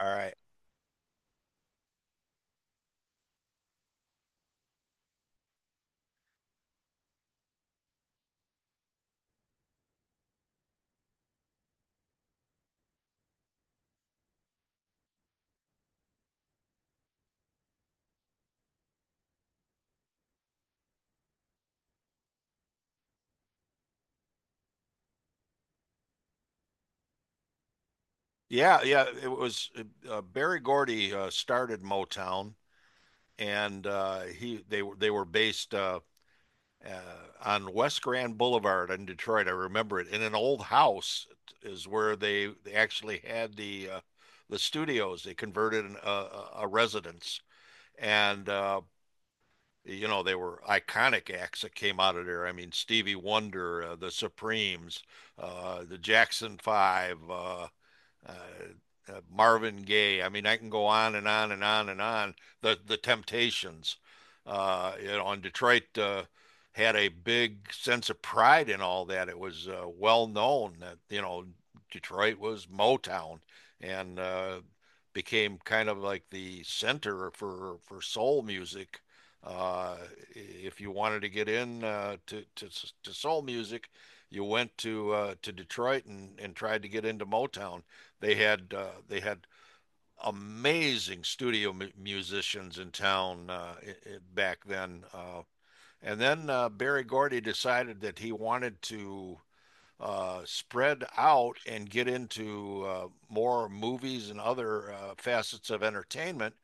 All right. Yeah, yeah. It was Barry Gordy started Motown, and he they were based uh, on West Grand Boulevard in Detroit. I remember it. In an old house is where they actually had the studios. They converted a residence, and you know they were iconic acts that came out of there. I mean Stevie Wonder, the Supremes, the Jackson Five. Uh, Marvin Gaye. I mean, I can go on and on and on and on. The Temptations, you know, and Detroit had a big sense of pride in all that. It was well known that you know Detroit was Motown, and became kind of like the center for soul music. Uh, if you wanted to get in to soul music, you went to Detroit and tried to get into Motown. They had amazing studio musicians in town back then. And then Barry Gordy decided that he wanted to spread out and get into more movies and other facets of entertainment,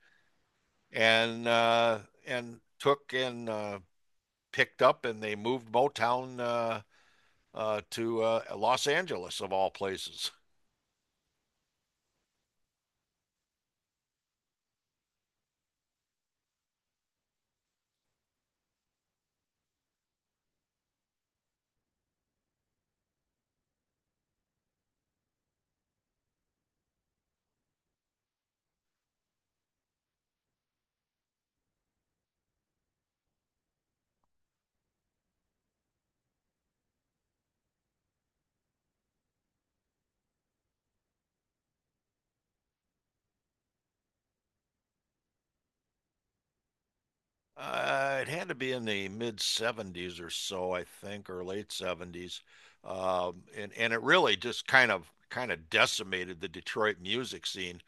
and uh, and took and picked up, and they moved Motown to Los Angeles of all places. It had to be in the mid 70s or so, I think, or late 70s. And it really just kind of decimated the Detroit music scene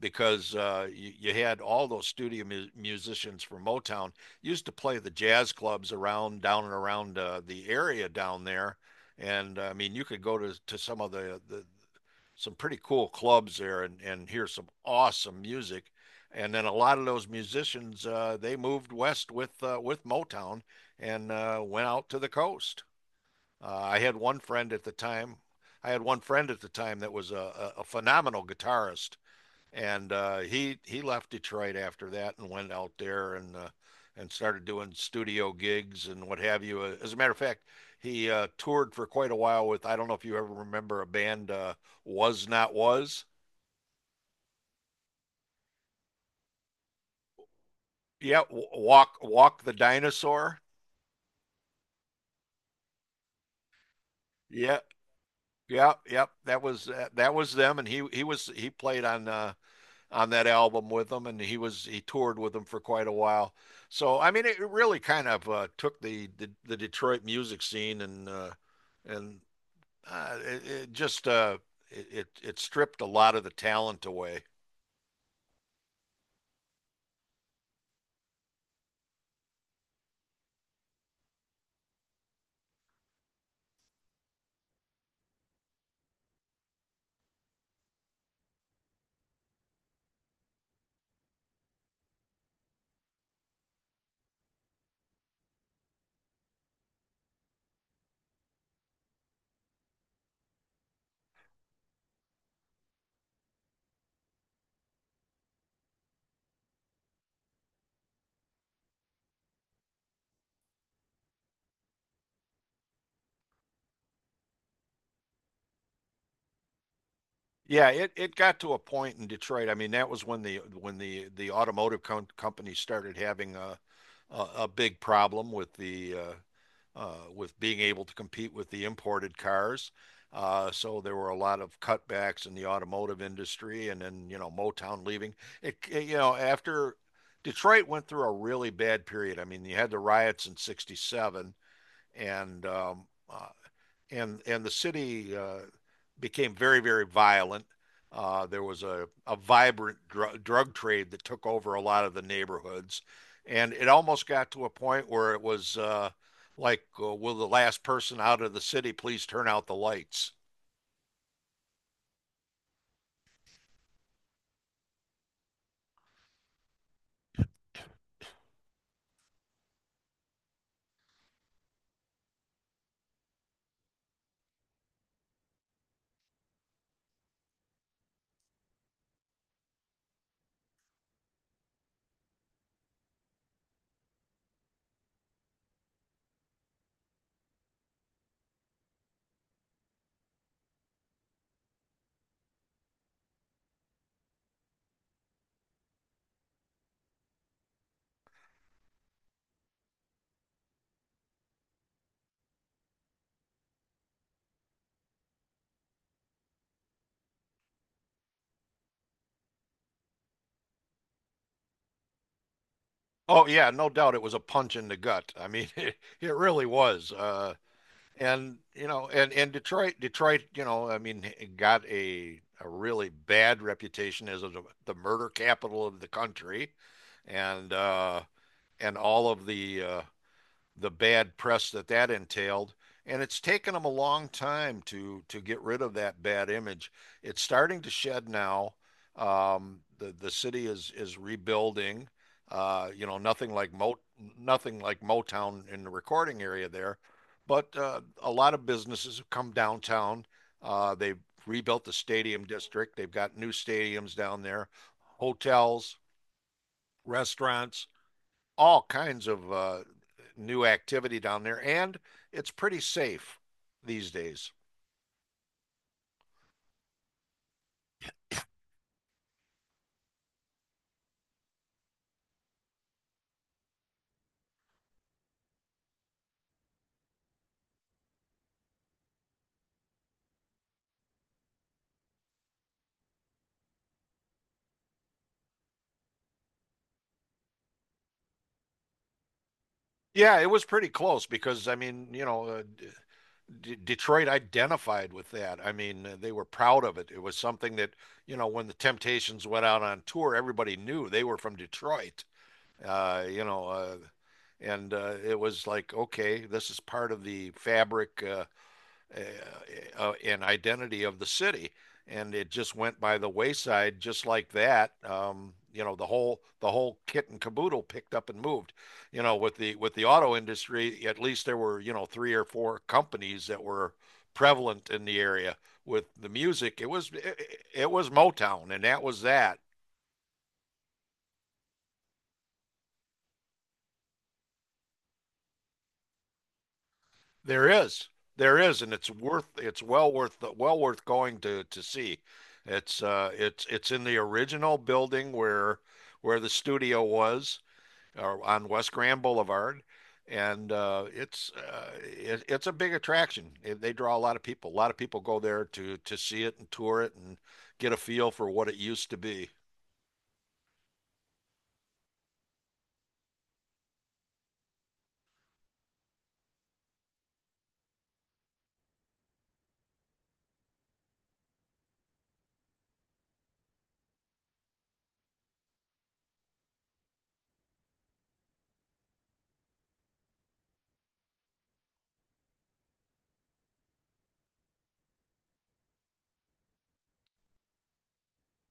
because you had all those studio mu musicians from Motown used to play the jazz clubs around down and around the area down there. And I mean, you could go to some of the some pretty cool clubs there and hear some awesome music and then a lot of those musicians they moved west with Motown and went out to the coast. I had one friend at the time. I had one friend at the time that was a phenomenal guitarist, and he left Detroit after that and went out there and started doing studio gigs and what have you. As a matter of fact, he toured for quite a while with, I don't know if you ever remember a band was not was yeah, Walk the Dinosaur. Yeah, yeah, yep. That was them, and he played on that album with them, and he toured with them for quite a while. So I mean, it really kind of took the Detroit music scene and it, it just it, it it stripped a lot of the talent away. Yeah, it got to a point in Detroit. I mean, that was when the automotive company started having a big problem with the with being able to compete with the imported cars. So there were a lot of cutbacks in the automotive industry, and then you know Motown leaving. You know after Detroit went through a really bad period. I mean, you had the riots in '67, and um, uh, and the city became very very violent. There was a vibrant drug trade that took over a lot of the neighborhoods, and it almost got to a point where it was like, will the last person out of the city please turn out the lights? Oh yeah, no doubt it was a punch in the gut. I mean, it really was. And you know, and Detroit, you know, I mean, got a really bad reputation as the murder capital of the country, and uh, and all of the bad press that that entailed. And it's taken them a long time to get rid of that bad image. It's starting to shed now. The city is rebuilding. You know, nothing like Motown in the recording area there, but a lot of businesses have come downtown. They've rebuilt the stadium district. They've got new stadiums down there, hotels, restaurants, all kinds of new activity down there, and it's pretty safe these days. Yeah, it was pretty close because I mean, you know, Detroit identified with that. I mean, they were proud of it. It was something that, you know, when the Temptations went out on tour, everybody knew they were from Detroit. You know, and It was like, okay, this is part of the fabric. Uh, uh, Identity of the city. And it just went by the wayside, just like that. You know, the whole kit and caboodle picked up and moved. You know, with the auto industry, at least there were you know three or four companies that were prevalent in the area. With the music, it was Motown, and that was that. There is, there is, and it's well worth going to see. It's it's in the original building where the studio was on West Grand Boulevard, and it's a big attraction. It, they draw a lot of people. A lot of people go there to see it and tour it and get a feel for what it used to be.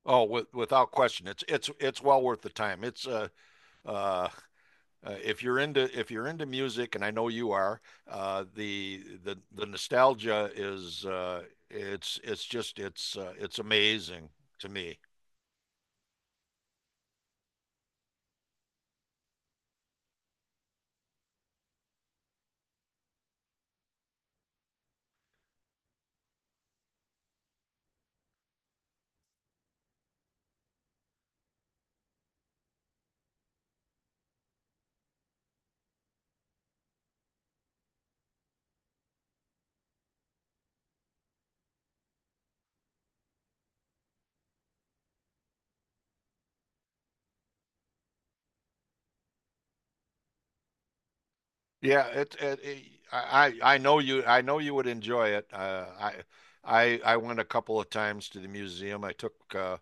Oh, without question, it's well worth the time. It's uh, if you're into music, and I know you are, the nostalgia is it's just it's amazing to me. Yeah, it I know you would enjoy it. I went a couple of times to the museum. I took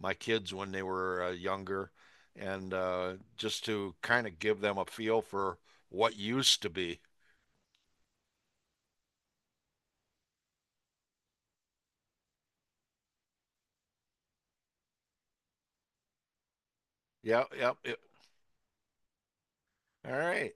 my kids when they were younger, and just to kind of give them a feel for what used to be. Yeah, yeah. All right.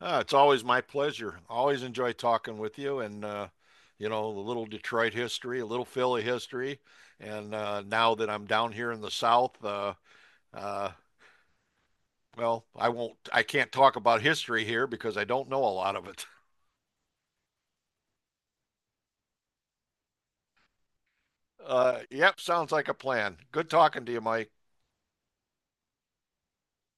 It's always my pleasure. Always enjoy talking with you and you know, a little Detroit history, a little Philly history. And now that I'm down here in the South, uh, well, I can't talk about history here because I don't know a lot of it. Yep, sounds like a plan. Good talking to you, Mike.